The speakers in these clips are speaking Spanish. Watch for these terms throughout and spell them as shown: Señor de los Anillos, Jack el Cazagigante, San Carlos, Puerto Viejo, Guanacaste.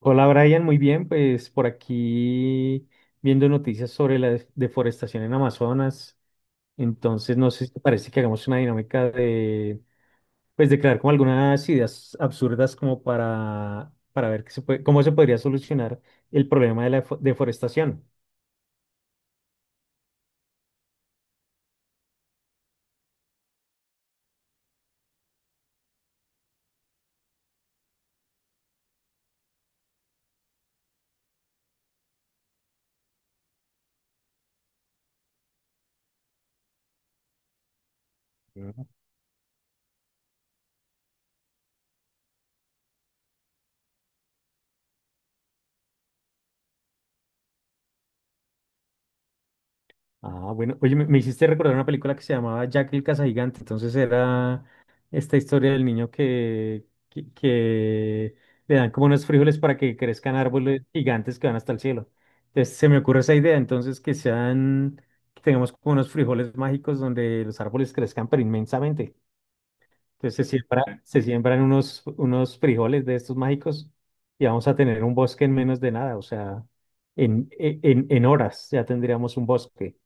Hola Brian, muy bien, pues por aquí viendo noticias sobre la deforestación en Amazonas. Entonces, no sé si te parece que hagamos una dinámica de, pues de crear como algunas ideas absurdas como para, ver qué cómo se podría solucionar el problema de la deforestación. Ah, bueno, oye, me hiciste recordar una película que se llamaba Jack el Cazagigante, entonces era esta historia del niño que le dan como unos frijoles para que crezcan árboles gigantes que van hasta el cielo. Entonces se me ocurre esa idea, entonces que sean, que tengamos como unos frijoles mágicos donde los árboles crezcan pero inmensamente. Entonces se siembra, se siembran unos frijoles de estos mágicos y vamos a tener un bosque en menos de nada, o sea, en horas ya tendríamos un bosque.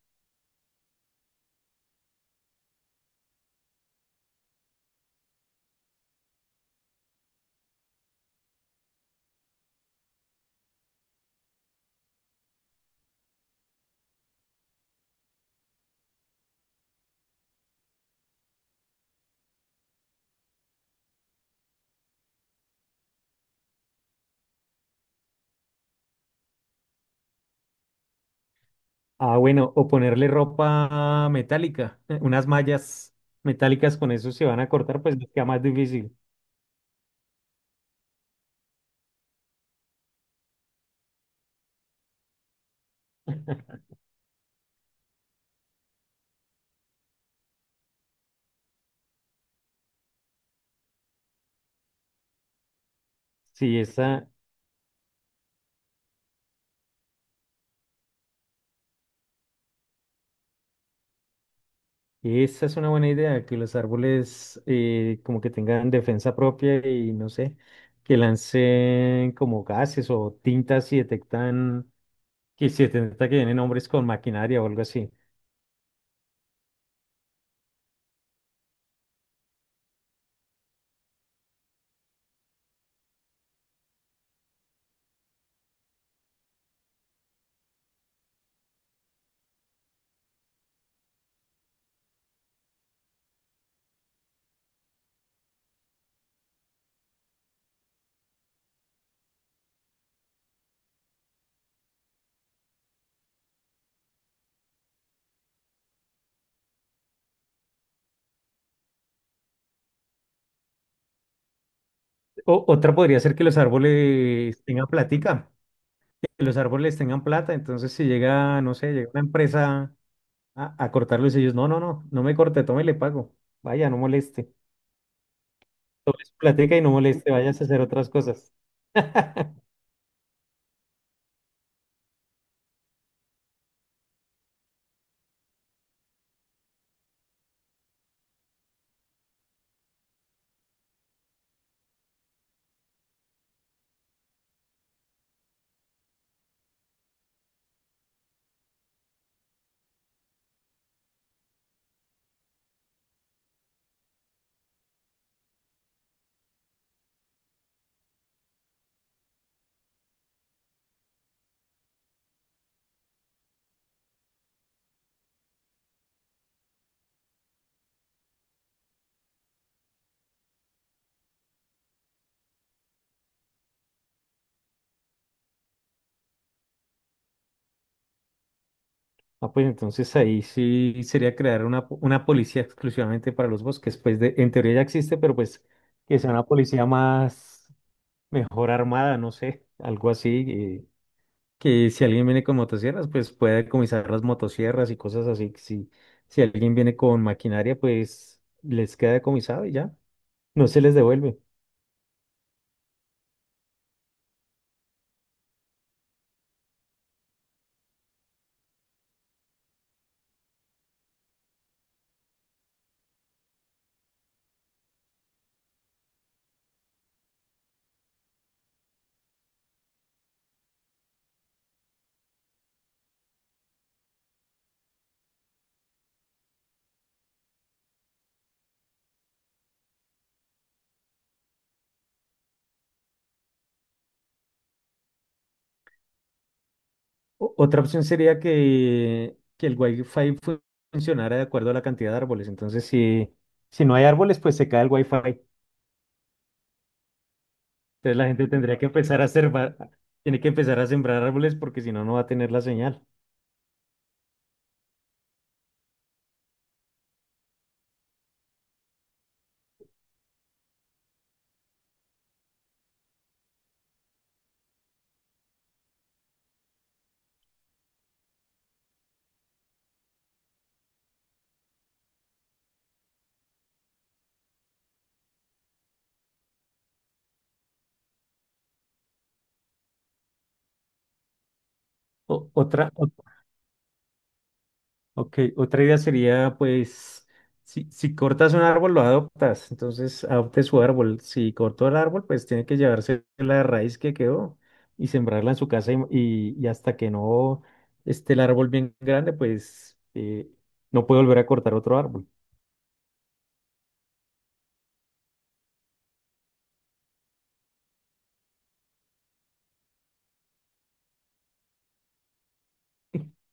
Ah, bueno, o ponerle ropa metálica, unas mallas metálicas con eso se van a cortar, pues les queda más difícil. Sí, esa es una buena idea, que los árboles como que tengan defensa propia y no sé, que lancen como gases o tintas si detectan que si detecta que vienen hombres con maquinaria o algo así. Otra podría ser que los árboles tengan platica, que los árboles tengan plata, entonces si llega, no sé, llega una empresa a cortarlos ellos, no, no, no, no me corte, tome, le pago. Vaya, no moleste. Platica y no moleste, vayas a hacer otras cosas. Ah, pues entonces ahí sí sería crear una policía exclusivamente para los bosques. Pues de, en teoría ya existe, pero pues que sea una policía más, mejor armada, no sé, algo así. Que si alguien viene con motosierras, pues pueda decomisar las motosierras y cosas así. Si, si alguien viene con maquinaria, pues les queda decomisado y ya, no se les devuelve. Otra opción sería que el Wi-Fi funcionara de acuerdo a la cantidad de árboles. Entonces, si no hay árboles, pues se cae el Wi-Fi. Entonces la gente tendría que empezar a sembrar, tiene que empezar a sembrar árboles porque si no, no va a tener la señal. O- otra, Ok, otra idea sería, pues, si cortas un árbol, lo adoptas, entonces adopte su árbol. Si cortó el árbol, pues tiene que llevarse la raíz que quedó y sembrarla en su casa y hasta que no esté el árbol bien grande, pues no puede volver a cortar otro árbol.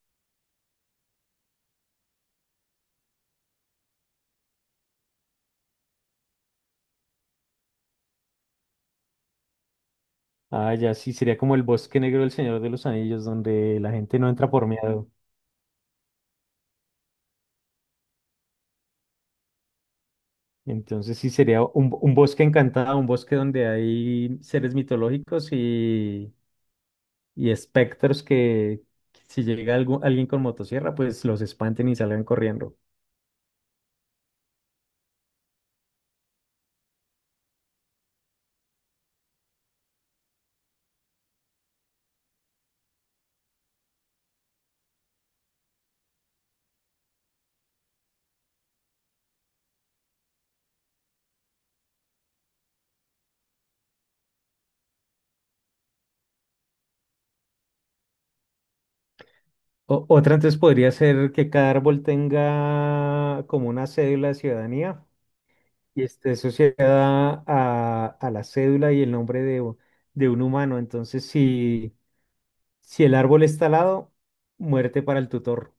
Ah, ya sí, sería como el bosque negro del Señor de los Anillos, donde la gente no entra por miedo. Entonces sí sería un bosque encantado, un bosque donde hay seres mitológicos y espectros que si llega alguien con motosierra, pues los espanten y salgan corriendo. Otra entonces podría ser que cada árbol tenga como una cédula de ciudadanía y esté asociada a la cédula y el nombre de un humano. Entonces, si el árbol está al lado, muerte para el tutor.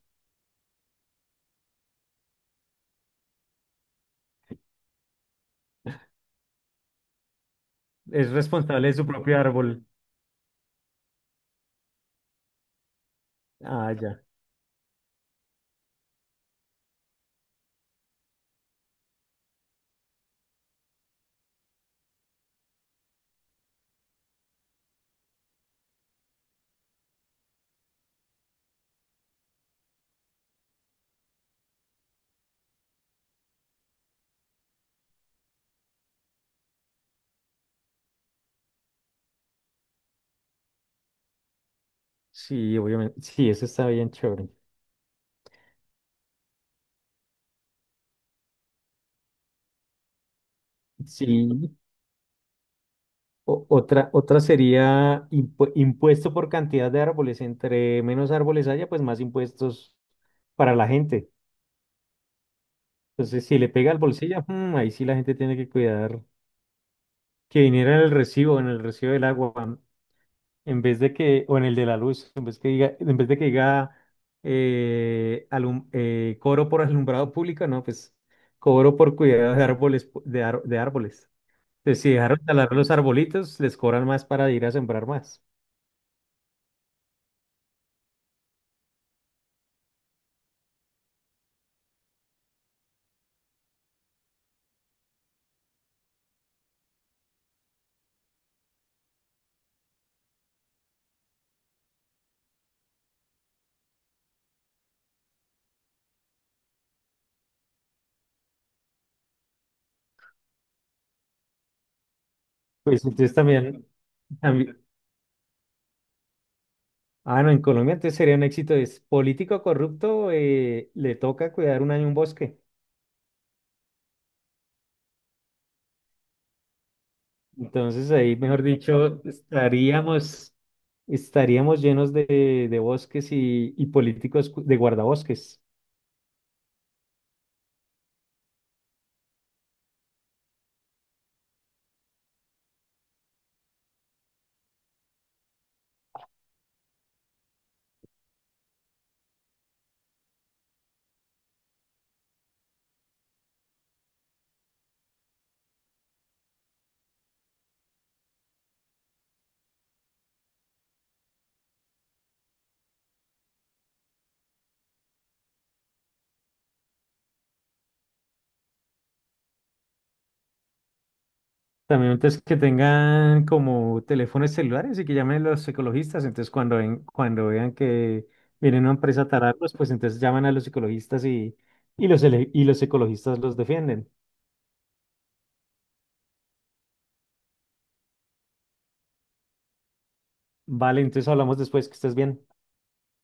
Es responsable de su propio árbol. Ah, ya. Sí, obviamente. Sí, eso está bien chévere. Sí. Otra sería impuesto por cantidad de árboles. Entre menos árboles haya, pues más impuestos para la gente. Entonces, si le pega al bolsillo, mm, ahí sí la gente tiene que cuidar que viniera en el recibo del agua, mm, en vez de que, o en el de la luz, en vez que diga, en vez de que diga cobro por alumbrado público, no, pues cobro por cuidado de árboles, de árboles. Entonces, si dejaron talar los arbolitos, les cobran más para ir a sembrar más. Pues entonces también. A mí- Ah, no, en Colombia entonces sería un éxito. Es político corrupto, le toca cuidar un año un bosque. Entonces ahí, mejor dicho, estaríamos llenos de bosques y políticos de guardabosques. También entonces que tengan como teléfonos celulares y que llamen los ecologistas. Entonces cuando vean que viene una empresa a tararlos, pues entonces llaman a los ecologistas y, y los ecologistas los defienden. Vale, entonces hablamos después, que estés bien.